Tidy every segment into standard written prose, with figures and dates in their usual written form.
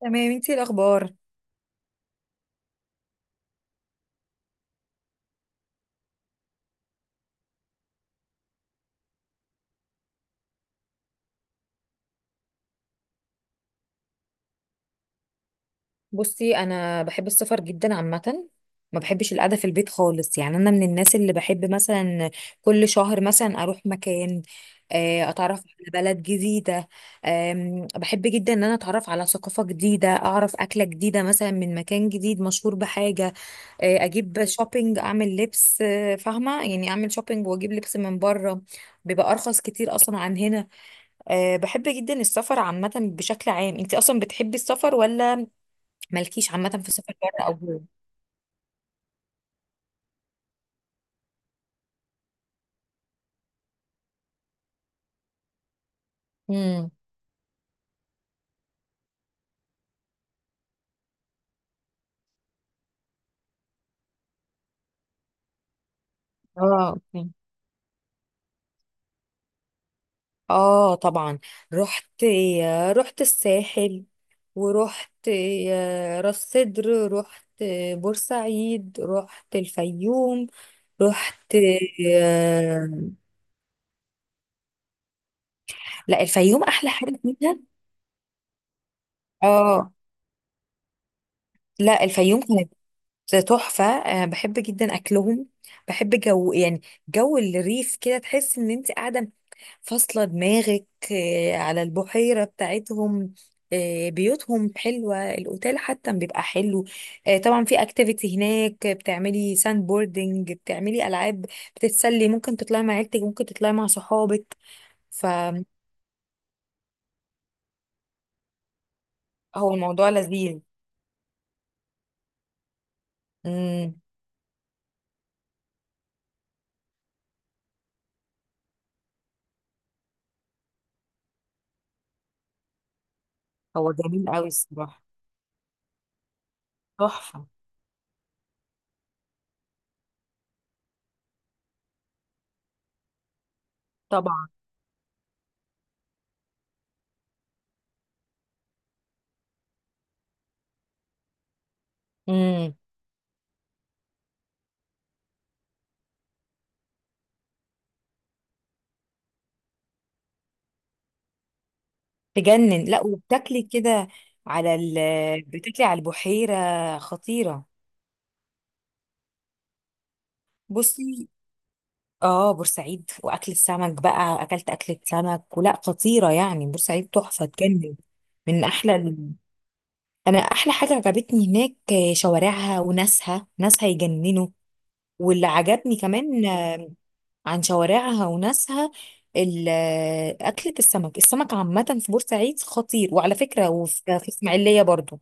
تمام. انتي إيه الاخبار؟ بصي، انا بحب السفر جدا عامه، ما بحبش القعده في البيت خالص. يعني انا من الناس اللي بحب مثلا كل شهر مثلا اروح مكان، اتعرف على بلد جديده. بحب جدا ان انا اتعرف على ثقافه جديده، اعرف اكله جديده مثلا من مكان جديد مشهور بحاجه، اجيب شوبينج، اعمل لبس، فاهمه يعني اعمل شوبينج واجيب لبس من بره، بيبقى ارخص كتير اصلا عن هنا. بحب جدا السفر عامه بشكل عام. انت اصلا بتحبي السفر ولا مالكيش عامة في السفر، بره أو جوه؟ امم. اه، اوكي. اه طبعا. رحت، رحت الساحل، ورحت راس سدر، رحت بورسعيد، رحت الفيوم، رحت آه، لا، الفيوم أحلى حاجة فيها. اه، لا الفيوم كانت تحفة. بحب جدا أكلهم، بحب جو يعني جو الريف كده، تحس إن أنت قاعدة فاصلة دماغك على البحيرة بتاعتهم. بيوتهم حلوة، الأوتيل حتى بيبقى حلو. طبعا في اكتيفيتي هناك، بتعملي ساند بوردنج، بتعملي ألعاب، بتتسلي، ممكن تطلعي مع عيلتك، ممكن تطلعي مع صحابك. فهو الموضوع لذيذ. مم. هو جميل قوي الصراحة، تحفة. طبعا. مم. تجنن. لا، وبتاكلي كده على ال بتاكلي على البحيرة. خطيرة. بصي، اه بورسعيد واكل السمك بقى، اكلت اكلة سمك ولا خطيرة يعني. بورسعيد تحفة تجنن. من احلى ال-، انا احلى حاجة عجبتني هناك شوارعها وناسها، ناسها يجننوا. واللي عجبني كمان عن شوارعها وناسها، ال- اكلة السمك، السمك عامة في بورسعيد خطير. وعلى فكرة، وفي في اسماعيلية برضو.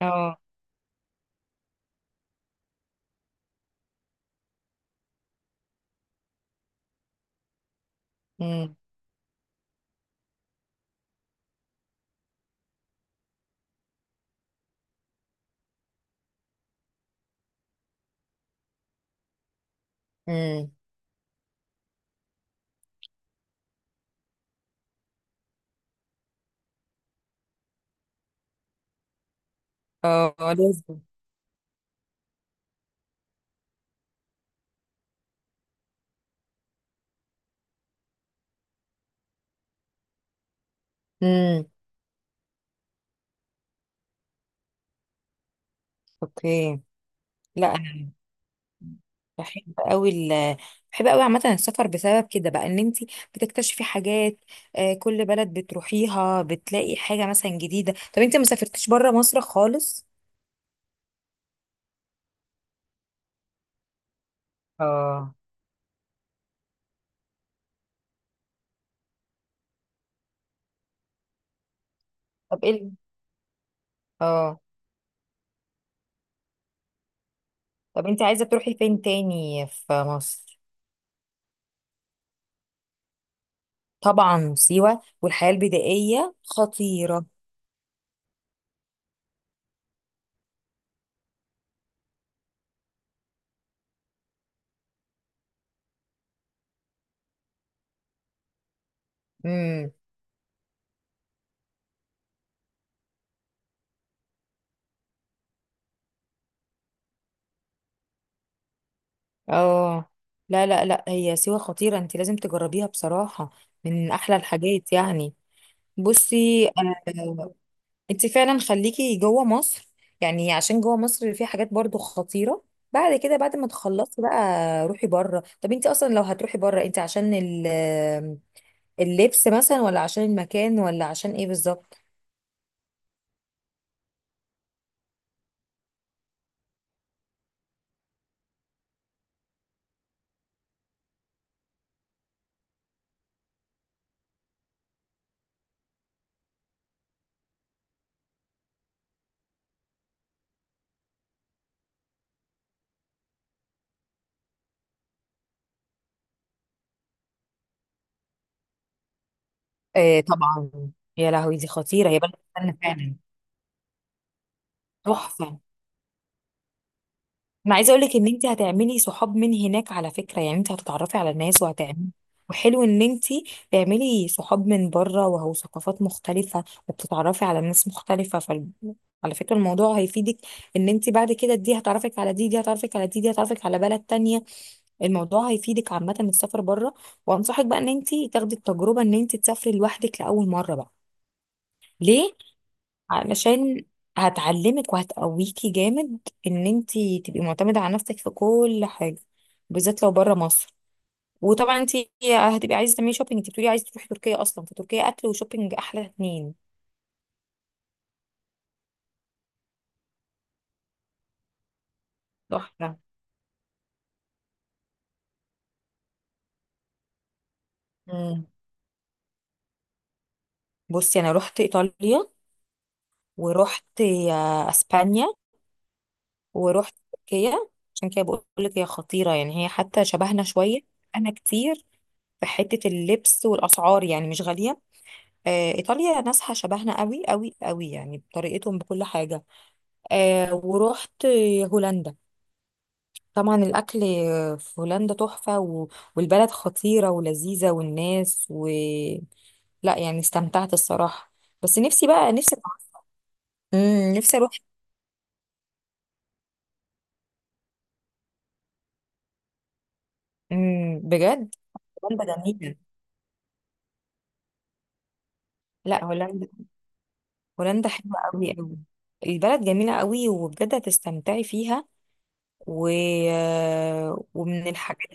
اه. امم. امم. اه لازم. امم. اوكي. لا، بحب قوي ال بحب قوي عامة السفر بسبب كده بقى، ان انت بتكتشفي حاجات كل بلد بتروحيها بتلاقي حاجة مثلا جديدة. طب انت ما سافرتيش بره مصر خالص؟ اه. طب ايه ال-، اه. طب انت عايزة تروحي فين تاني في مصر؟ طبعا سيوة، والحياة البدائية خطيرة. امم. اه لا لا لا، هي سيوة خطيرة، انت لازم تجربيها بصراحة، من احلى الحاجات يعني. بصي انت فعلا خليكي جوه مصر، يعني عشان جوه مصر في حاجات برضو خطيرة، بعد كده، بعد ما تخلصي بقى روحي بره. طب انت اصلا لو هتروحي بره، انت عشان ال- اللبس مثلا، ولا عشان المكان، ولا عشان ايه بالظبط؟ آه طبعا. يا لهوي، دي خطيرة، هي بلد فعلا فعلا تحفة. انا عايزه اقولك ان انت هتعملي صحاب من هناك على فكره، يعني انت هتتعرفي على ناس وهتعملي. وحلو ان انت تعملي صحاب من بره، وهو ثقافات مختلفه وبتتعرفي على ناس مختلفه فال... على فكره الموضوع هيفيدك، ان انت بعد كده دي هتعرفك على دي، دي هتعرفك على دي، دي هتعرفك على بلد تانية. الموضوع هيفيدك عامه السفر بره. وانصحك بقى ان انت تاخدي التجربه، ان انت تسافري لوحدك لاول مره بقى. ليه؟ علشان هتعلمك وهتقويكي جامد، ان انتي تبقي معتمدة على نفسك في كل حاجة، بالذات لو بره مصر. وطبعا انتي هتبقي عايزة تعملي شوبينج، انتي بتقولي عايزة تروحي تركيا، اصلا فتركيا اكل وشوبينج احلى اتنين. تحفة. مم. بصي، انا رحت ايطاليا، ورحت اسبانيا، ورحت تركيا. عشان كده بقول لك هي خطيرة، يعني هي حتى شبهنا شوية. انا كتير، في حتة اللبس والاسعار يعني مش غالية. ايطاليا ناسها شبهنا قوي قوي قوي، يعني بطريقتهم بكل حاجه. ورحت هولندا. طبعا الاكل في هولندا تحفه، و... والبلد خطيره ولذيذه، والناس و... لا يعني استمتعت الصراحه. بس نفسي بقى، نفسي. امم، نفسي اروح. امم، بجد. هولندا جميله. لا، هولندا، هولندا حلوه قوي قوي، البلد جميله قوي، وبجد هتستمتعي فيها. و... ومن الحاجات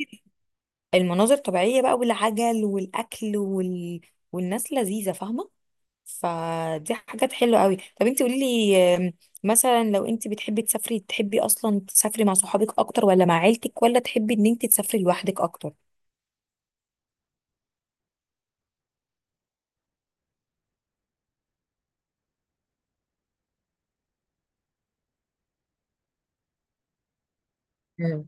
المناظر طبيعية بقى، والعجل، والأكل، وال... والناس لذيذة فاهمة. فدي حاجات حلوة قوي. طب انت قولي لي مثلا لو انت بتحبي تسافري، تحبي اصلا تسافري مع صحابك اكتر، ولا مع عيلتك، ولا تحبي ان انت تسافري لوحدك اكتر؟ مم.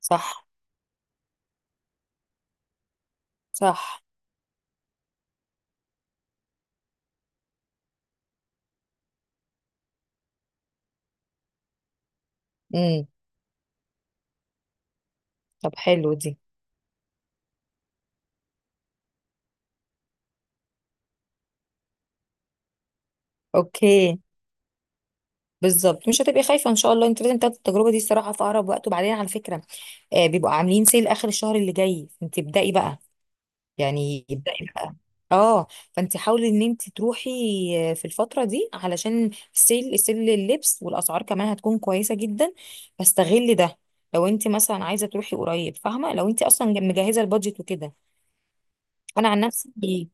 صح. صح. امم. طب حلو دي. اوكي، بالظبط، مش هتبقي خايفه ان شاء الله. انت لازم تاخدي التجربه دي الصراحه في اقرب وقت. وبعدين على فكره، آه بيبقوا عاملين سيل اخر الشهر اللي جاي، انت ابدأي بقى، يعني ابدأي بقى. اه، فانت حاولي ان انت تروحي في الفتره دي، علشان السيل، السيل لللبس والاسعار كمان هتكون كويسه جدا، فاستغلي ده. لو انت مثلا عايزه تروحي قريب فاهمه، لو انت اصلا مجهزه البادجت وكده. انا عن نفسي،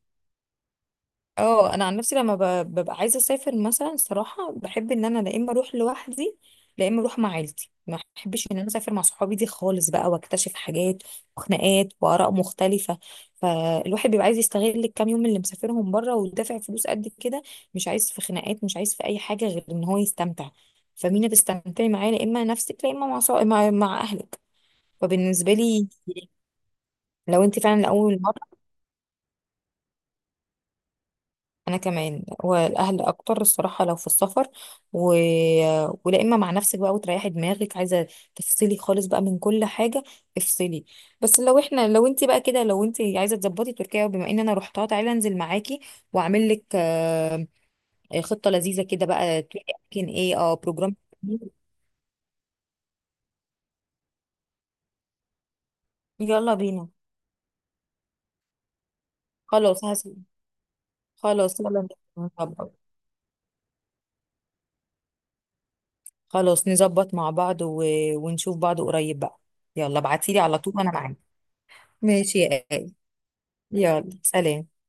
اه انا عن نفسي لما ببقى عايزه اسافر مثلا، صراحه بحب ان انا لا اما اروح لوحدي، لا اما اروح مع عيلتي، ما بحبش ان انا اسافر مع صحابي دي خالص بقى، واكتشف حاجات وخناقات واراء مختلفه. فالواحد بيبقى عايز يستغل الكام يوم اللي مسافرهم بره، ودافع فلوس قد كده، مش عايز في خناقات، مش عايز في اي حاجه غير ان هو يستمتع. فمين هتستمتعي معاه؟ لا اما نفسك، لا اما مع مع اهلك. فبالنسبه لي، لو انت فعلا لاول مره، انا كمان، والاهل اكتر الصراحه لو في السفر، و... ولا اما مع نفسك بقى وتريحي دماغك، عايزه تفصلي خالص بقى من كل حاجه، افصلي. بس لو احنا، لو انت بقى كده، لو انت عايزه تظبطي تركيا، بما ان انا رحتها، تعالي انزل معاكي واعمل لك خطه لذيذه كده بقى، تقولي اماكن ايه. اه بروجرام. يلا بينا. خلاص خلاص يلا نظبط، خلاص نظبط مع بعض، و... ونشوف بعض قريب بقى. يلا ابعتيلي على طول، انا معاكي. ماشي يا، يلا سلام.